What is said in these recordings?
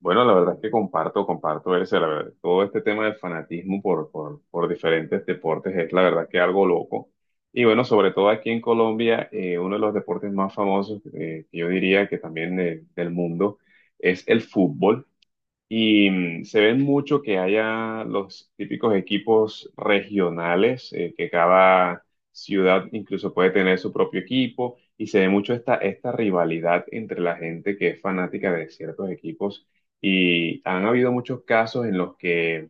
Bueno, la verdad es que comparto ese, la verdad, todo este tema del fanatismo por diferentes deportes es la verdad que algo loco. Y bueno, sobre todo aquí en Colombia, uno de los deportes más famosos, que yo diría que también del mundo, es el fútbol. Y se ven mucho que haya los típicos equipos regionales, que cada ciudad incluso puede tener su propio equipo, y se ve mucho esta rivalidad entre la gente que es fanática de ciertos equipos. Y han habido muchos casos en los que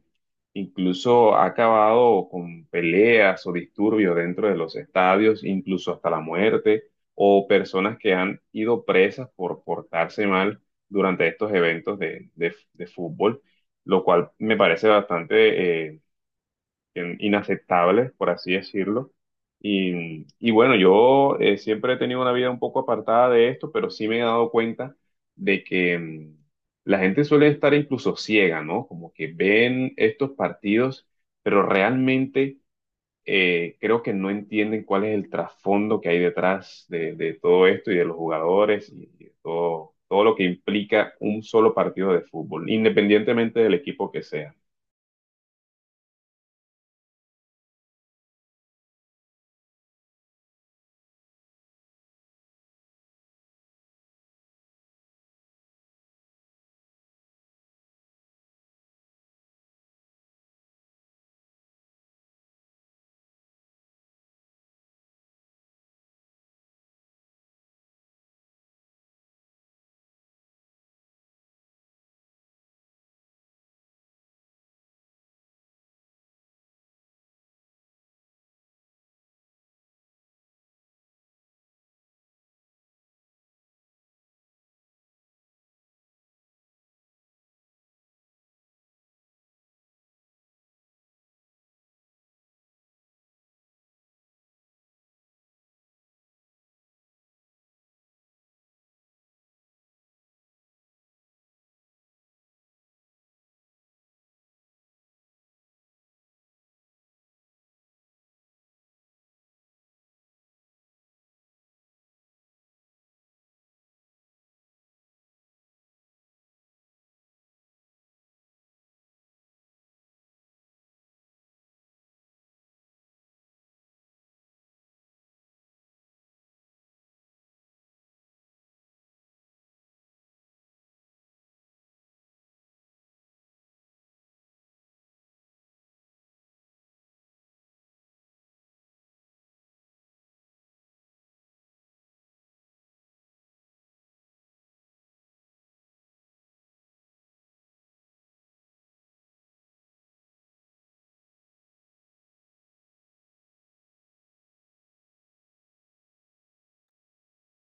incluso ha acabado con peleas o disturbios dentro de los estadios, incluso hasta la muerte, o personas que han ido presas por portarse mal durante estos eventos de fútbol, lo cual me parece bastante inaceptables, por así decirlo. Y bueno, yo siempre he tenido una vida un poco apartada de esto, pero sí me he dado cuenta de que la gente suele estar incluso ciega, ¿no? Como que ven estos partidos, pero realmente creo que no entienden cuál es el trasfondo que hay detrás de todo esto y de los jugadores y de todo, todo lo que implica un solo partido de fútbol, independientemente del equipo que sea.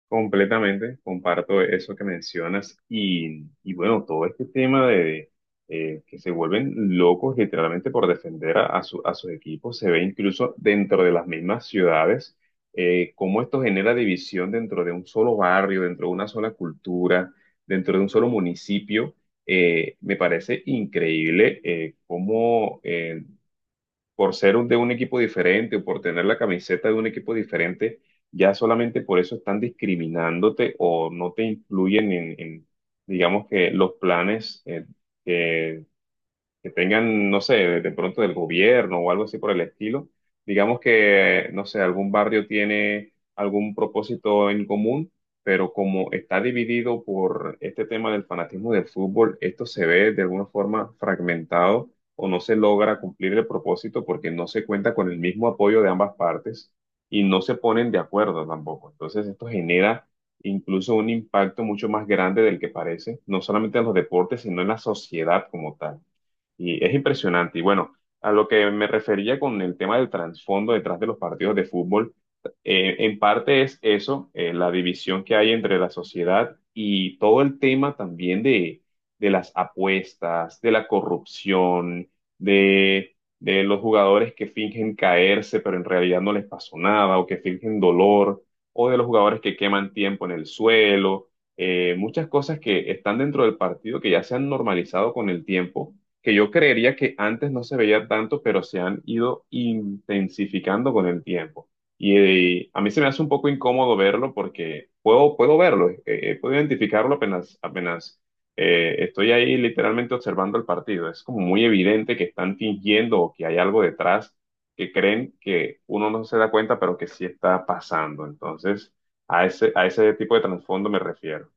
Completamente, comparto eso que mencionas y bueno, todo este tema de que se vuelven locos literalmente por defender a, a sus equipos, se ve incluso dentro de las mismas ciudades, cómo esto genera división dentro de un solo barrio, dentro de una sola cultura, dentro de un solo municipio. Me parece increíble como por ser de un equipo diferente o por tener la camiseta de un equipo diferente, ya solamente por eso están discriminándote o no te incluyen digamos que los planes eh, que tengan, no sé, de pronto del gobierno o algo así por el estilo. Digamos que, no sé, algún barrio tiene algún propósito en común, pero como está dividido por este tema del fanatismo del fútbol, esto se ve de alguna forma fragmentado o no se logra cumplir el propósito porque no se cuenta con el mismo apoyo de ambas partes y no se ponen de acuerdo tampoco. Entonces esto genera incluso un impacto mucho más grande del que parece, no solamente en los deportes, sino en la sociedad como tal. Y es impresionante. Y bueno, a lo que me refería con el tema del trasfondo detrás de los partidos de fútbol, en parte es eso, la división que hay entre la sociedad y todo el tema también de las apuestas, de la corrupción, de los jugadores que fingen caerse, pero en realidad no les pasó nada, o que fingen dolor, o de los jugadores que queman tiempo en el suelo. Muchas cosas que están dentro del partido que ya se han normalizado con el tiempo que yo creería que antes no se veía tanto, pero se han ido intensificando con el tiempo. Y, a mí se me hace un poco incómodo verlo porque puedo verlo, puedo identificarlo apenas estoy ahí literalmente observando el partido. Es como muy evidente que están fingiendo o que hay algo detrás que creen que uno no se da cuenta, pero que sí está pasando. Entonces, a ese tipo de trasfondo me refiero.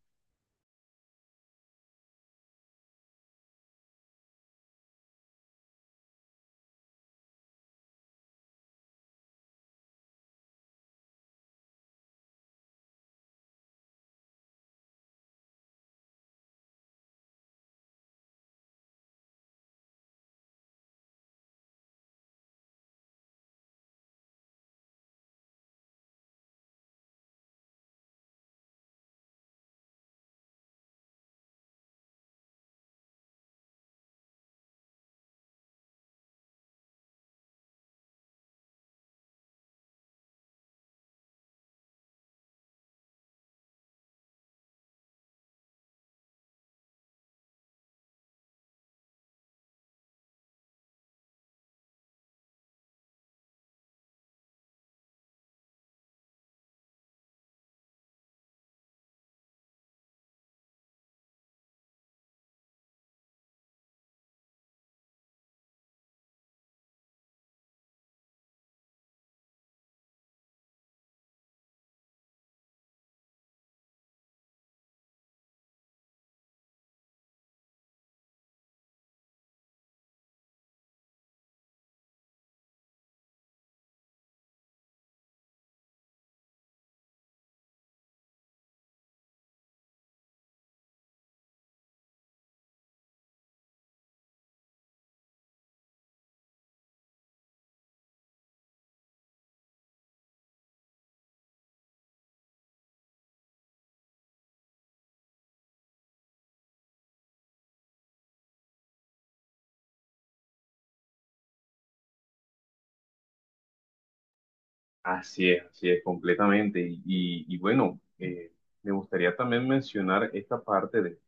Así es, completamente. Y, y bueno, me gustaría también mencionar esta parte de,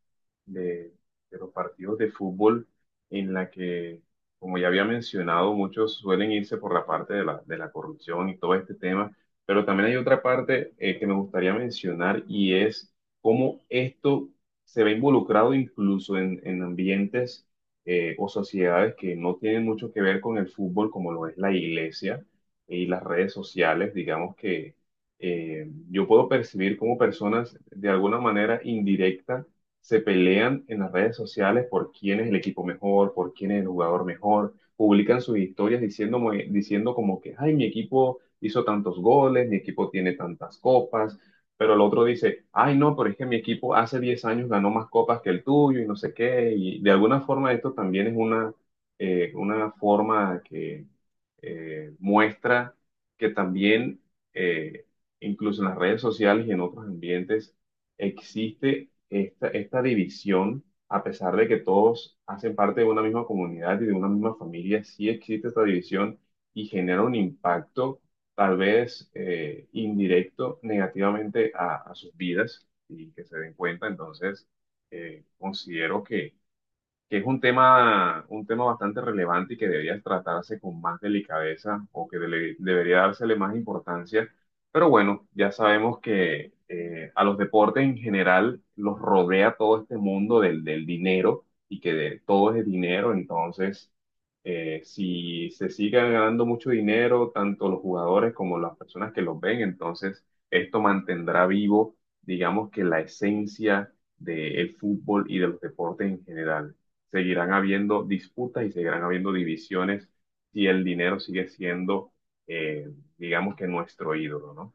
de los partidos de fútbol en la que, como ya había mencionado, muchos suelen irse por la parte de de la corrupción y todo este tema, pero también hay otra parte que me gustaría mencionar y es cómo esto se ve involucrado incluso en ambientes o sociedades que no tienen mucho que ver con el fútbol, como lo es la iglesia y las redes sociales, digamos que yo puedo percibir cómo personas de alguna manera indirecta se pelean en las redes sociales por quién es el equipo mejor, por quién es el jugador mejor, publican sus historias diciendo como que, ay, mi equipo hizo tantos goles, mi equipo tiene tantas copas, pero el otro dice, ay, no, pero es que mi equipo hace 10 años ganó más copas que el tuyo y no sé qué, y de alguna forma esto también es una forma que muestra que también, eh, incluso en las redes sociales y en otros ambientes, existe esta división, a pesar de que todos hacen parte de una misma comunidad y de una misma familia, sí existe esta división y genera un impacto tal vez indirecto negativamente a sus vidas y que se den cuenta. Entonces, considero que es un tema bastante relevante y que debería tratarse con más delicadeza o que debería dársele más importancia. Pero bueno, ya sabemos que a los deportes en general los rodea todo este mundo del dinero y que de, todo es dinero. Entonces, si se sigue ganando mucho dinero, tanto los jugadores como las personas que los ven, entonces esto mantendrá vivo, digamos que la esencia del fútbol y de los deportes en general seguirán habiendo disputas y seguirán habiendo divisiones si el dinero sigue siendo, eh, digamos que nuestro ídolo, ¿no?